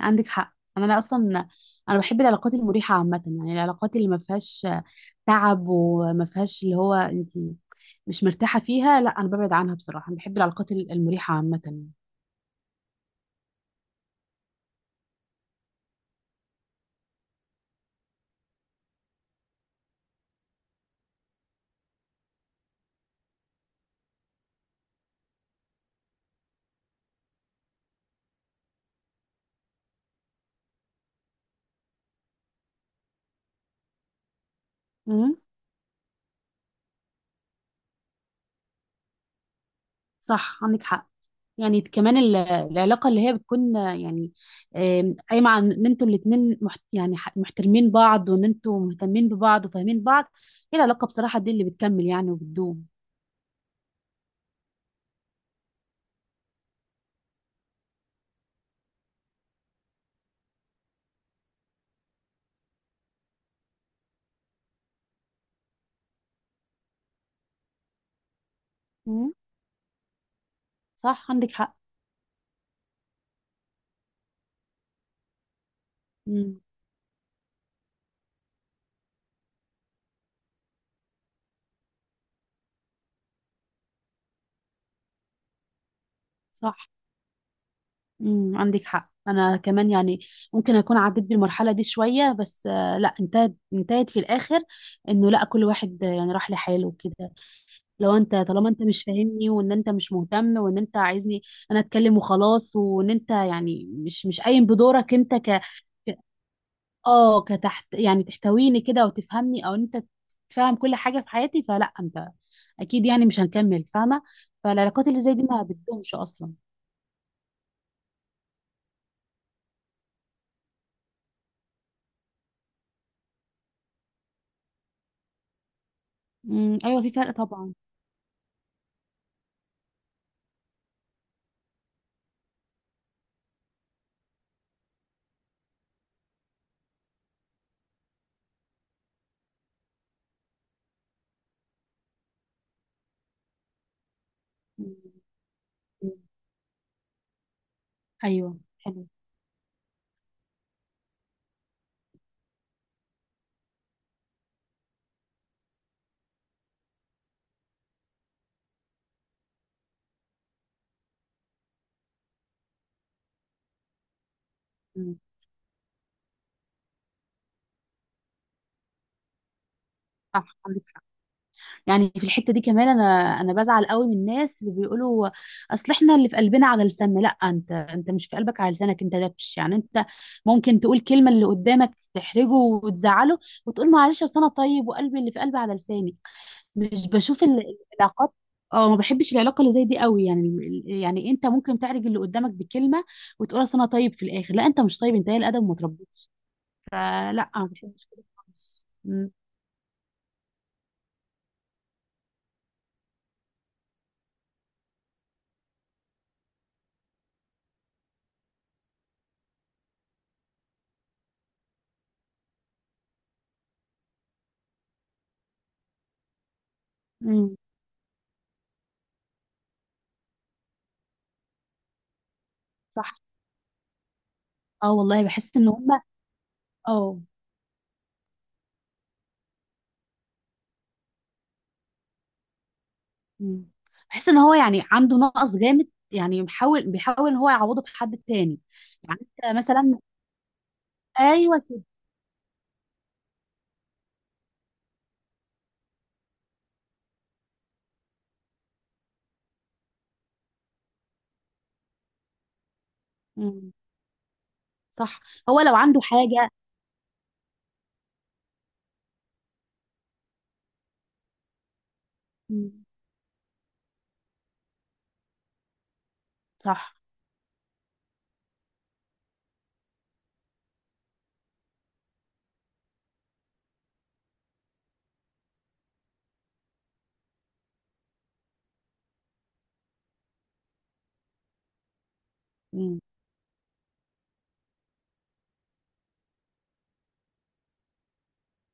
عندك حق، انا لا اصلا. انا بحب العلاقات المريحه عامه، يعني العلاقات اللي ما فيهاش تعب وما فيهاش اللي هو انت مش مرتاحه فيها. لا، انا ببعد عنها بصراحه. انا بحب العلاقات المريحه عامه يعني. امم، صح، عندك حق. يعني كمان العلاقه اللي هي بتكون يعني قايمه عن ان انتوا الاتنين يعني محترمين بعض وان انتوا مهتمين ببعض وفاهمين بعض. هي العلاقه بصراحه دي اللي بتكمل يعني وبتدوم. امم، صح، عندك حق. امم، صح. امم، عندك حق. انا كمان يعني ممكن اكون عديت بالمرحله دي شويه، بس لا انتهت انتهت في الاخر. انه لا، كل واحد يعني راح لحاله وكده. لو انت، طالما انت مش فاهمني وان انت مش مهتم وان انت عايزني انا اتكلم وخلاص، وان انت يعني مش قايم بدورك انت اه، كتحت، يعني تحتويني كده وتفهمني او انت تفهم كل حاجه في حياتي، فلا انت اكيد يعني مش هنكمل، فاهمه. فالعلاقات اللي زي دي ما بتدومش اصلا. امم، ايوه، في فرق طبعا. مم. ايوه، حلو. مم. صح، يعني في الحته دي كمان انا بزعل قوي من الناس اللي بيقولوا اصل احنا اللي في قلبنا على لساننا. لا، انت مش في قلبك على لسانك، انت دبش، يعني انت ممكن تقول كلمه اللي قدامك تحرجه وتزعله وتقول معلش اصل انا طيب وقلبي، اللي في قلبي على لساني. مش بشوف العلاقات. اه، ما بحبش العلاقه اللي زي دي قوي، يعني يعني انت ممكن تعرج اللي قدامك بكلمه وتقول اصل انا طيب، في الاخر لا، انت مش طيب، انت قليل الادب وما تربيتش. فلا، ما بحبش كده خالص م، صح. اه والله بحس ان هم. اه. م. بحس ان هو يعني عنده نقص جامد، يعني بيحاول بيحاول ان هو يعوضه في حد تاني. يعني انت مثلا. ايوه كده. م، صح. هو لو عنده حاجه. م، صح. م.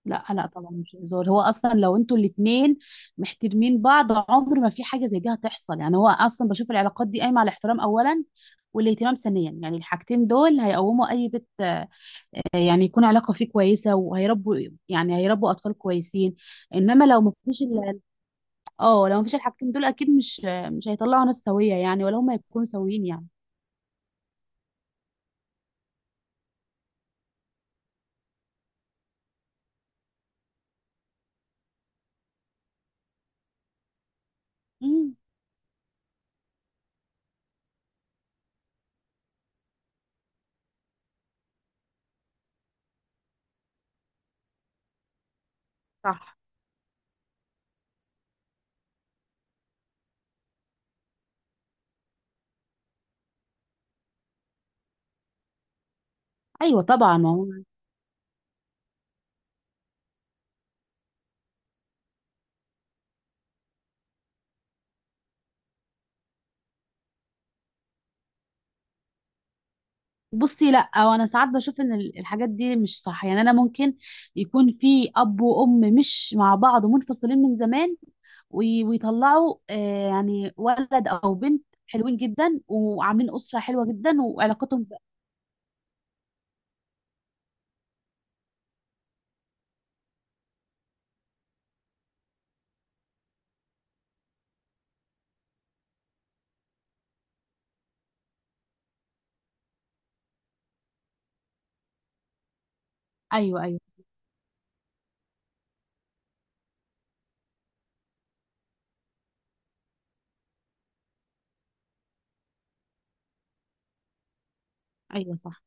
لا لا طبعا، مش هزار. هو اصلا لو انتوا الاتنين محترمين بعض، عمر ما في حاجه زي دي هتحصل. يعني هو اصلا بشوف العلاقات دي قايمه على الاحترام اولا والاهتمام ثانيا، يعني الحاجتين دول هيقوموا اي بيت يعني يكون علاقه فيه كويسه، وهيربوا، يعني هيربوا اطفال كويسين. انما لو ما فيش اه، لو ما فيش الحاجتين دول اكيد مش هيطلعوا ناس سويه يعني، ولا هم يكونوا سويين يعني. امم، صح. ايوه طبعا. بصي، لا، وانا ساعات بشوف ان الحاجات دي مش صح. يعني انا ممكن يكون في اب وام مش مع بعض ومنفصلين من زمان ويطلعوا يعني ولد او بنت حلوين جدا وعاملين اسره حلوه جدا وعلاقتهم ايوه ايوه ايوه. صح.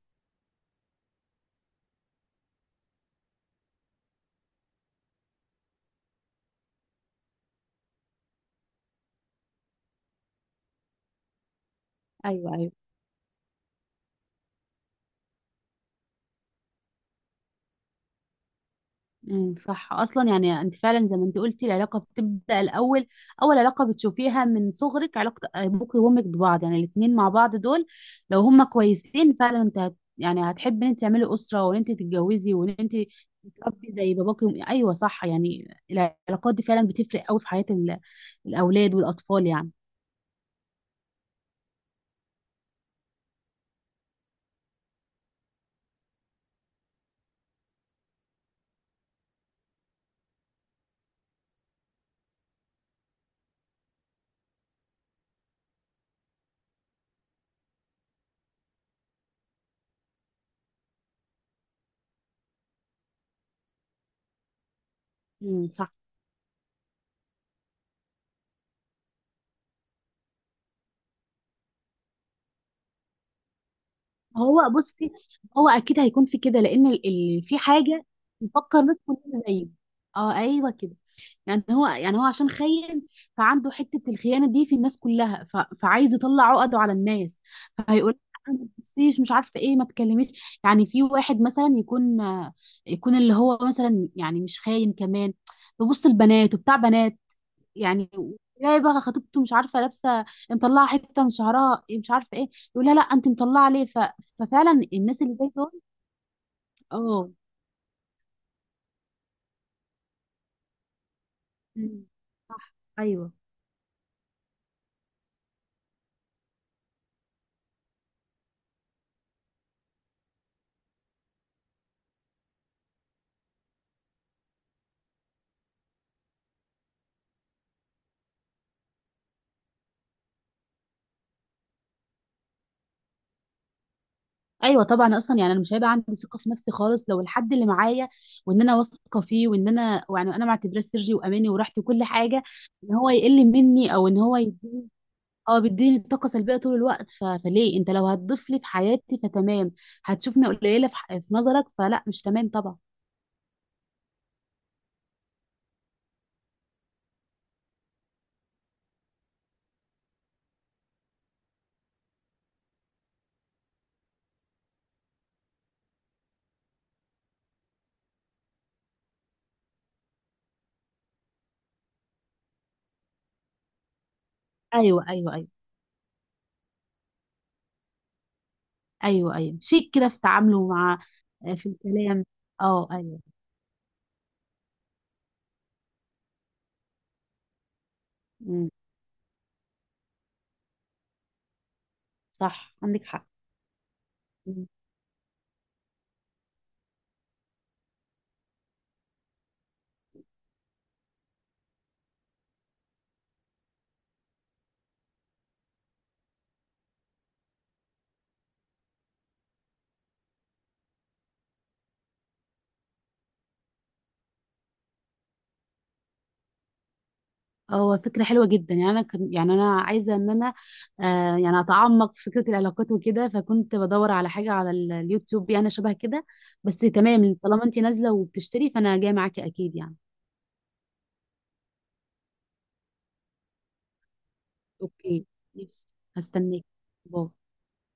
ايوه ايوه. امم، صح، اصلا يعني انت فعلا زي ما انت قلتي، العلاقه بتبدا الاول. اول علاقه بتشوفيها من صغرك علاقه ابوك وامك ببعض، يعني الاثنين مع بعض دول لو هما كويسين فعلا، انت يعني هتحبي ان انت تعملي اسره وان انت تتجوزي وان انت تربي زي باباك ايوه صح، يعني العلاقات دي فعلا بتفرق قوي في حياه الاولاد والاطفال يعني. امم، صح. هو، بصي، هو اكيد هيكون في كده لان في حاجه نفكر ناس كلنا زيه. اه، ايوه كده. يعني هو عشان خاين، فعنده حتة الخيانة دي في الناس كلها فعايز يطلع عقده على الناس. فهيقول: أنا، ما تبصيش، مش عارفة ايه، ما تكلميش. يعني في واحد مثلا يكون، اللي هو مثلا يعني مش خاين كمان، ببص البنات وبتاع بنات يعني، تلاقي بقى خطيبته مش عارفة لابسة، مطلعة حتة من شعرها، مش عارفة ايه، يقول لها لا انت مطلعة ليه ففعلا الناس اللي زي دول. اه. مم. صح. ايوه. ايوه طبعا، اصلا يعني انا مش هيبقى عندي ثقه في نفسي خالص لو الحد اللي معايا وان انا واثقه فيه وان انا يعني انا معتبراه سري واماني وراحتي وكل حاجه ان هو يقل مني او ان هو يديني، اه، بيديني طاقه سلبيه طول الوقت. فليه؟ انت لو هتضيف لي في حياتي فتمام، هتشوفني قليله في نظرك، فلا مش تمام طبعا. ايوه ايوه ايوه ايوه ايوه، شيك كده في تعامله مع في الكلام. اه، ايوه. مم. صح، عندك حق. مم. هو فكرة حلوة جدا، يعني أنا عايزة إن أنا يعني أتعمق في فكرة العلاقات وكده، فكنت بدور على حاجة على اليوتيوب يعني شبه كده. بس تمام، طالما أنت نازلة وبتشتري فأنا جاية معاكي أكيد يعني. أوكي، ماشي. هستناكي. باي.